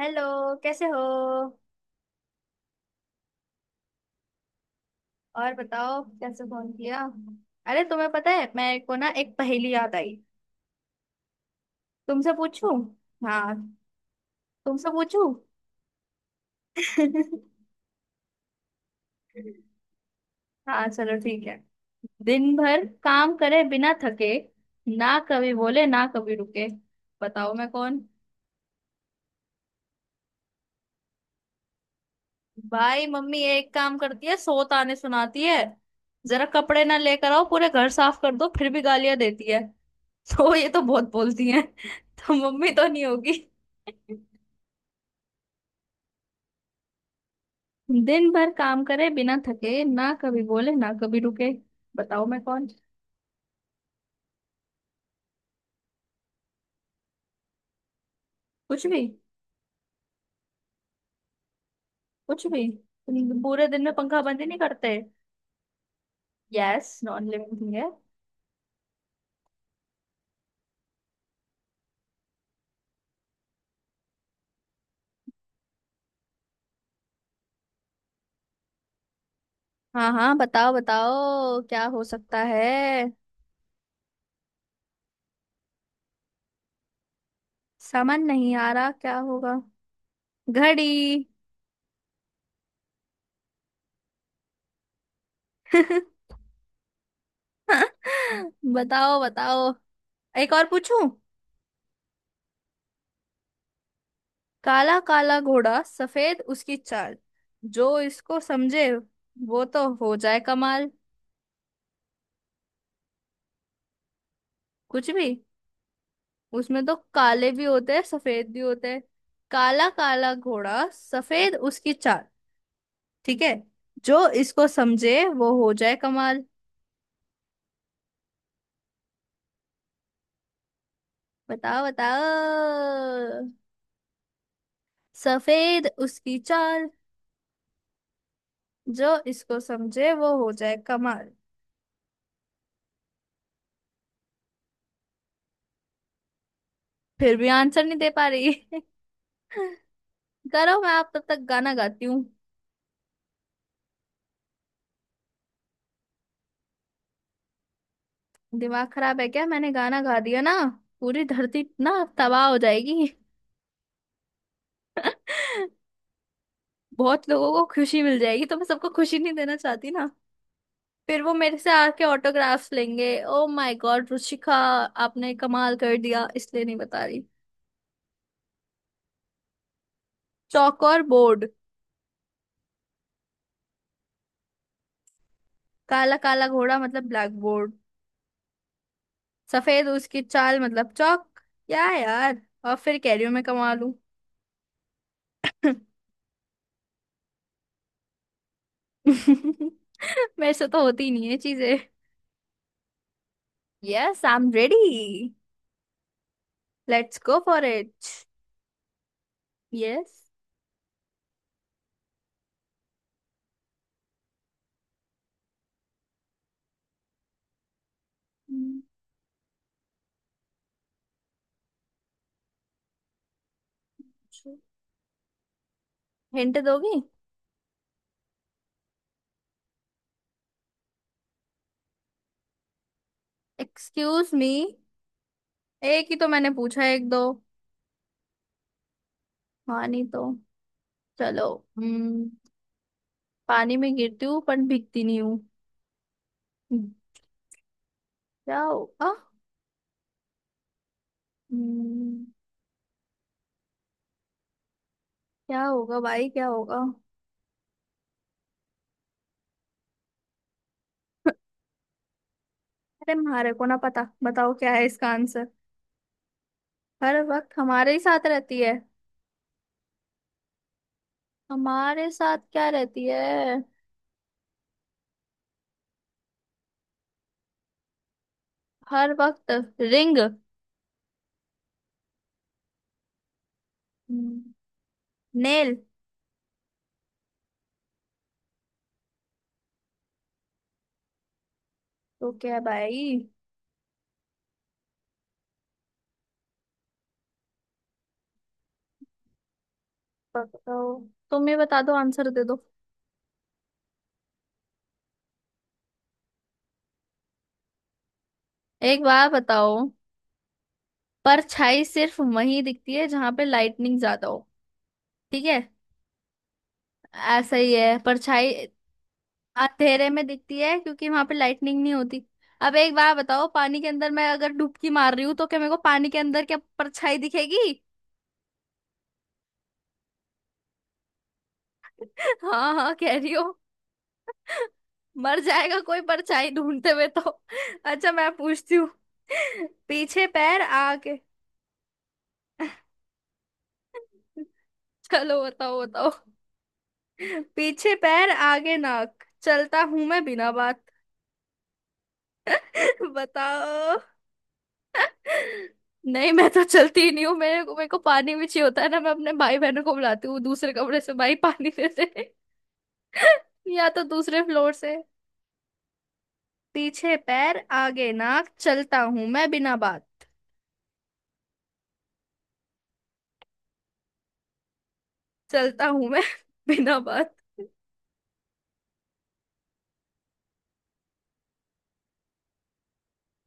Hello. कैसे हो? और बताओ कैसे फोन किया? अरे तुम्हें पता है मेरे को ना, एक पहेली याद आई, तुमसे पूछूं? हाँ, तुमसे पूछूं। हाँ चलो ठीक है। दिन भर काम करे बिना थके, ना कभी बोले ना कभी रुके, बताओ मैं कौन? भाई मम्मी एक काम करती है, सौ ताने सुनाती है। जरा कपड़े ना लेकर आओ, पूरे घर साफ कर दो, फिर भी गालियां देती है। तो ये तो बहुत बोलती है। तो मम्मी तो नहीं होगी। दिन भर काम करे बिना थके, ना कभी बोले ना कभी रुके, बताओ मैं कौन? कुछ भी। कुछ भी। तुम पूरे दिन में पंखा बंद ही नहीं करते। यस, नॉन लिविंग थिंग है। हाँ हाँ, बताओ बताओ क्या हो सकता है। समझ नहीं आ रहा क्या होगा। घड़ी। बताओ बताओ। एक और पूछूं? काला काला घोड़ा सफेद उसकी चाल, जो इसको समझे वो तो हो जाए कमाल। कुछ भी। उसमें तो काले भी होते हैं सफेद भी होते हैं। काला काला घोड़ा सफेद उसकी चाल, ठीक है, जो इसको समझे वो हो जाए कमाल। बताओ बताओ। सफेद उसकी चाल, जो इसको समझे वो हो जाए कमाल। फिर भी आंसर नहीं दे पा रही। करो, मैं आप तब तक गाना गाती हूँ। दिमाग खराब है क्या, मैंने गाना गा दिया ना, पूरी धरती ना तबाह हो जाएगी। बहुत लोगों को खुशी मिल जाएगी, तो मैं सबको खुशी नहीं देना चाहती ना। फिर वो मेरे से आके ऑटोग्राफ्स लेंगे, ओ माय गॉड रुचिका। आपने कमाल कर दिया इसलिए नहीं बता रही। चौक और बोर्ड। काला काला घोड़ा मतलब ब्लैक बोर्ड, सफेद उसकी चाल मतलब चौक। क्या है यार, और फिर कैरियर में कमा लूं। मेरे से तो होती ही नहीं है चीजें। Yes, I am ready. Let's go for it. Yes. Hint दोगी? एक्सक्यूज मी, एक ही तो मैंने पूछा है, एक दो। हाँ नहीं तो। चलो। Hmm। पानी में गिरती हूँ पर भीगती नहीं हूँ, क्या होगा? हम्म, क्या होगा भाई क्या होगा? अरे हमारे को ना पता, बताओ क्या है इसका आंसर। हर वक्त हमारे ही साथ रहती है? हमारे साथ क्या रहती है? हर वक्त? रिंग। नेल। तो क्या है भाई, बताओ, तुम ही बता दो, आंसर दे दो। एक बार बताओ। परछाई सिर्फ वहीं दिखती है जहां पे लाइटनिंग ज्यादा हो। ठीक है। ऐसा ही है परछाई। अंधेरे में दिखती है क्योंकि वहां पे लाइटनिंग नहीं होती। अब एक बार बताओ, पानी के अंदर मैं अगर डुबकी मार रही हूँ, तो क्या मेरे को पानी के अंदर क्या परछाई दिखेगी? हाँ हाँ कह रही हो। मर जाएगा कोई परछाई ढूंढते हुए तो। अच्छा मैं पूछती हूँ। पीछे पैर आगे। चलो बताओ बताओ। पीछे पैर आगे नाक, चलता हूं मैं बिना बात। बताओ। नहीं, मैं तो चलती ही नहीं हूँ, मेरे को पानी भी चाहिए होता है ना, मैं अपने भाई बहनों को बुलाती हूँ दूसरे कमरे से, भाई पानी दे दे। या तो दूसरे फ्लोर से। पीछे पैर आगे नाक, चलता हूँ मैं बिना बात। चलता हूँ मैं बिना बात।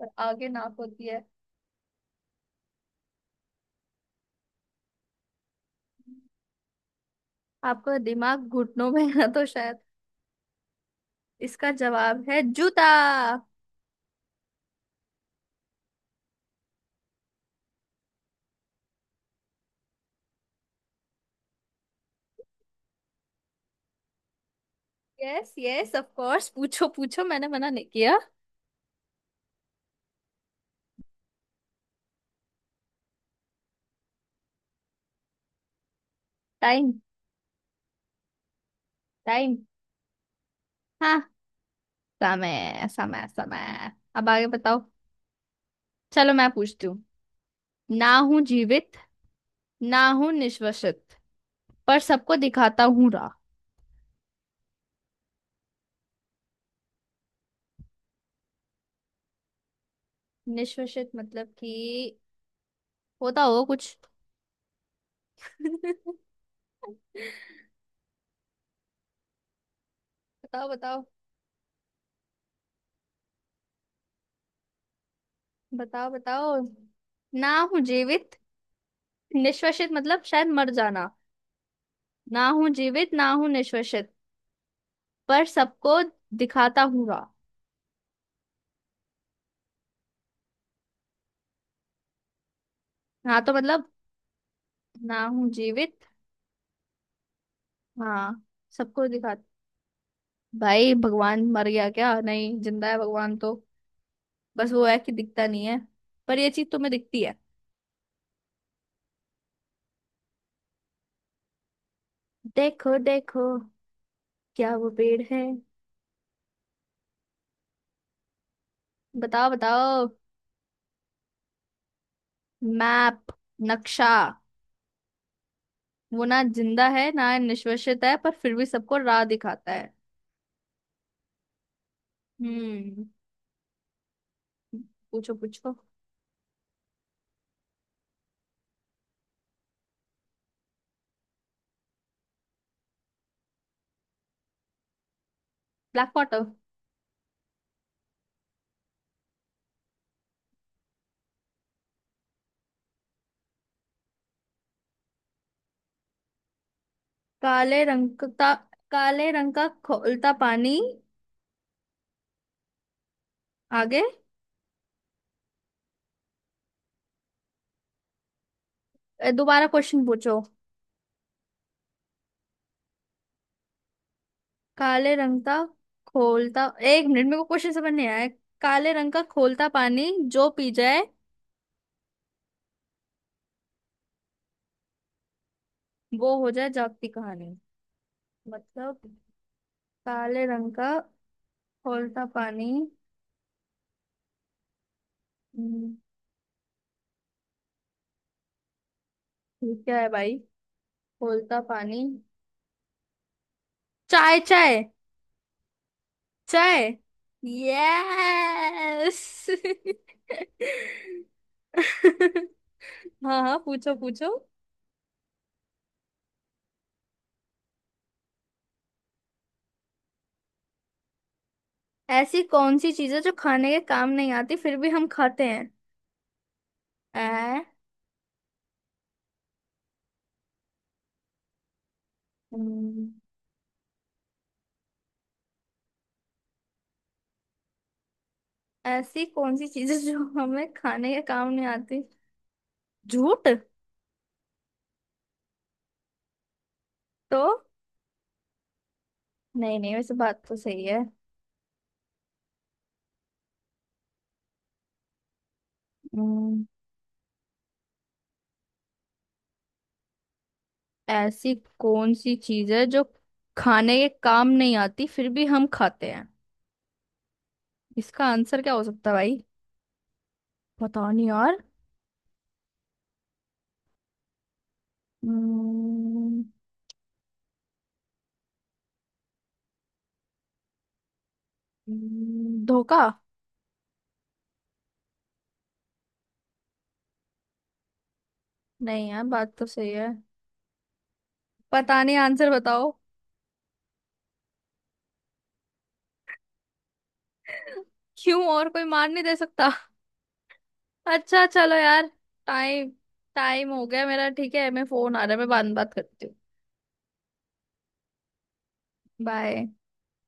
पर आगे नाक होती है। आपका दिमाग घुटनों में है ना तो शायद। इसका जवाब है जूता। यस यस, ऑफ कोर्स, पूछो पूछो, मैंने मना नहीं किया। टाइम। टाइम। हाँ, समय समय समय। अब आगे बताओ। चलो मैं पूछती हूँ। ना हूँ जीवित, ना हूँ निश्वसित, पर सबको दिखाता हूँ राह। निश्वसित मतलब कि होता हो कुछ। बताओ बताओ। बताओ बताओ। ना हूँ जीवित। निश्वसित मतलब शायद मर जाना। ना हूँ जीवित, ना हूँ निश्वसित, पर सबको दिखाता हूँ राह। हाँ तो मतलब ना हूँ जीवित। हाँ। सबको दिखा। भाई भगवान मर गया क्या? नहीं, जिंदा है भगवान तो, बस वो है कि दिखता नहीं है। पर ये चीज तुम्हें दिखती है। देखो देखो, क्या वो पेड़ है? बताओ बताओ। मैप। नक्शा। वो ना जिंदा है ना निश्वसित है, पर फिर भी सबको राह दिखाता है। हम्म। पूछो पूछो। Black water. काले रंग का। काले रंग का खोलता पानी। आगे? ए, दोबारा क्वेश्चन पूछो। काले रंग का खोलता। एक मिनट, मेरे को क्वेश्चन समझ नहीं आया। काले रंग का खोलता पानी, जो पी जाए वो हो जाए जागती कहानी। मतलब काले रंग का खौलता पानी, हम्म, ये क्या है भाई, खौलता पानी। चाय चाय। चाय। यस। हाँ हाँ, पूछो पूछो। ऐसी कौन सी चीजें जो खाने के काम नहीं आती फिर भी हम खाते हैं। ऐ। हम्म, ऐसी कौन सी चीजें जो हमें खाने के काम नहीं आती। झूठ। तो? नहीं नहीं, वैसे बात तो सही है। हम्म, ऐसी कौन सी चीज है जो खाने के काम नहीं आती फिर भी हम खाते हैं, इसका आंसर क्या हो सकता है भाई? पता नहीं यार। हम्म, धोखा। नहीं यार, बात तो सही है। पता नहीं, आंसर बताओ। क्यों और कोई मान नहीं दे सकता? अच्छा चलो यार। टाइम। टाइम हो गया मेरा, ठीक है, मैं फोन आ रहा है, मैं बाद में बात करती हूँ। बाय।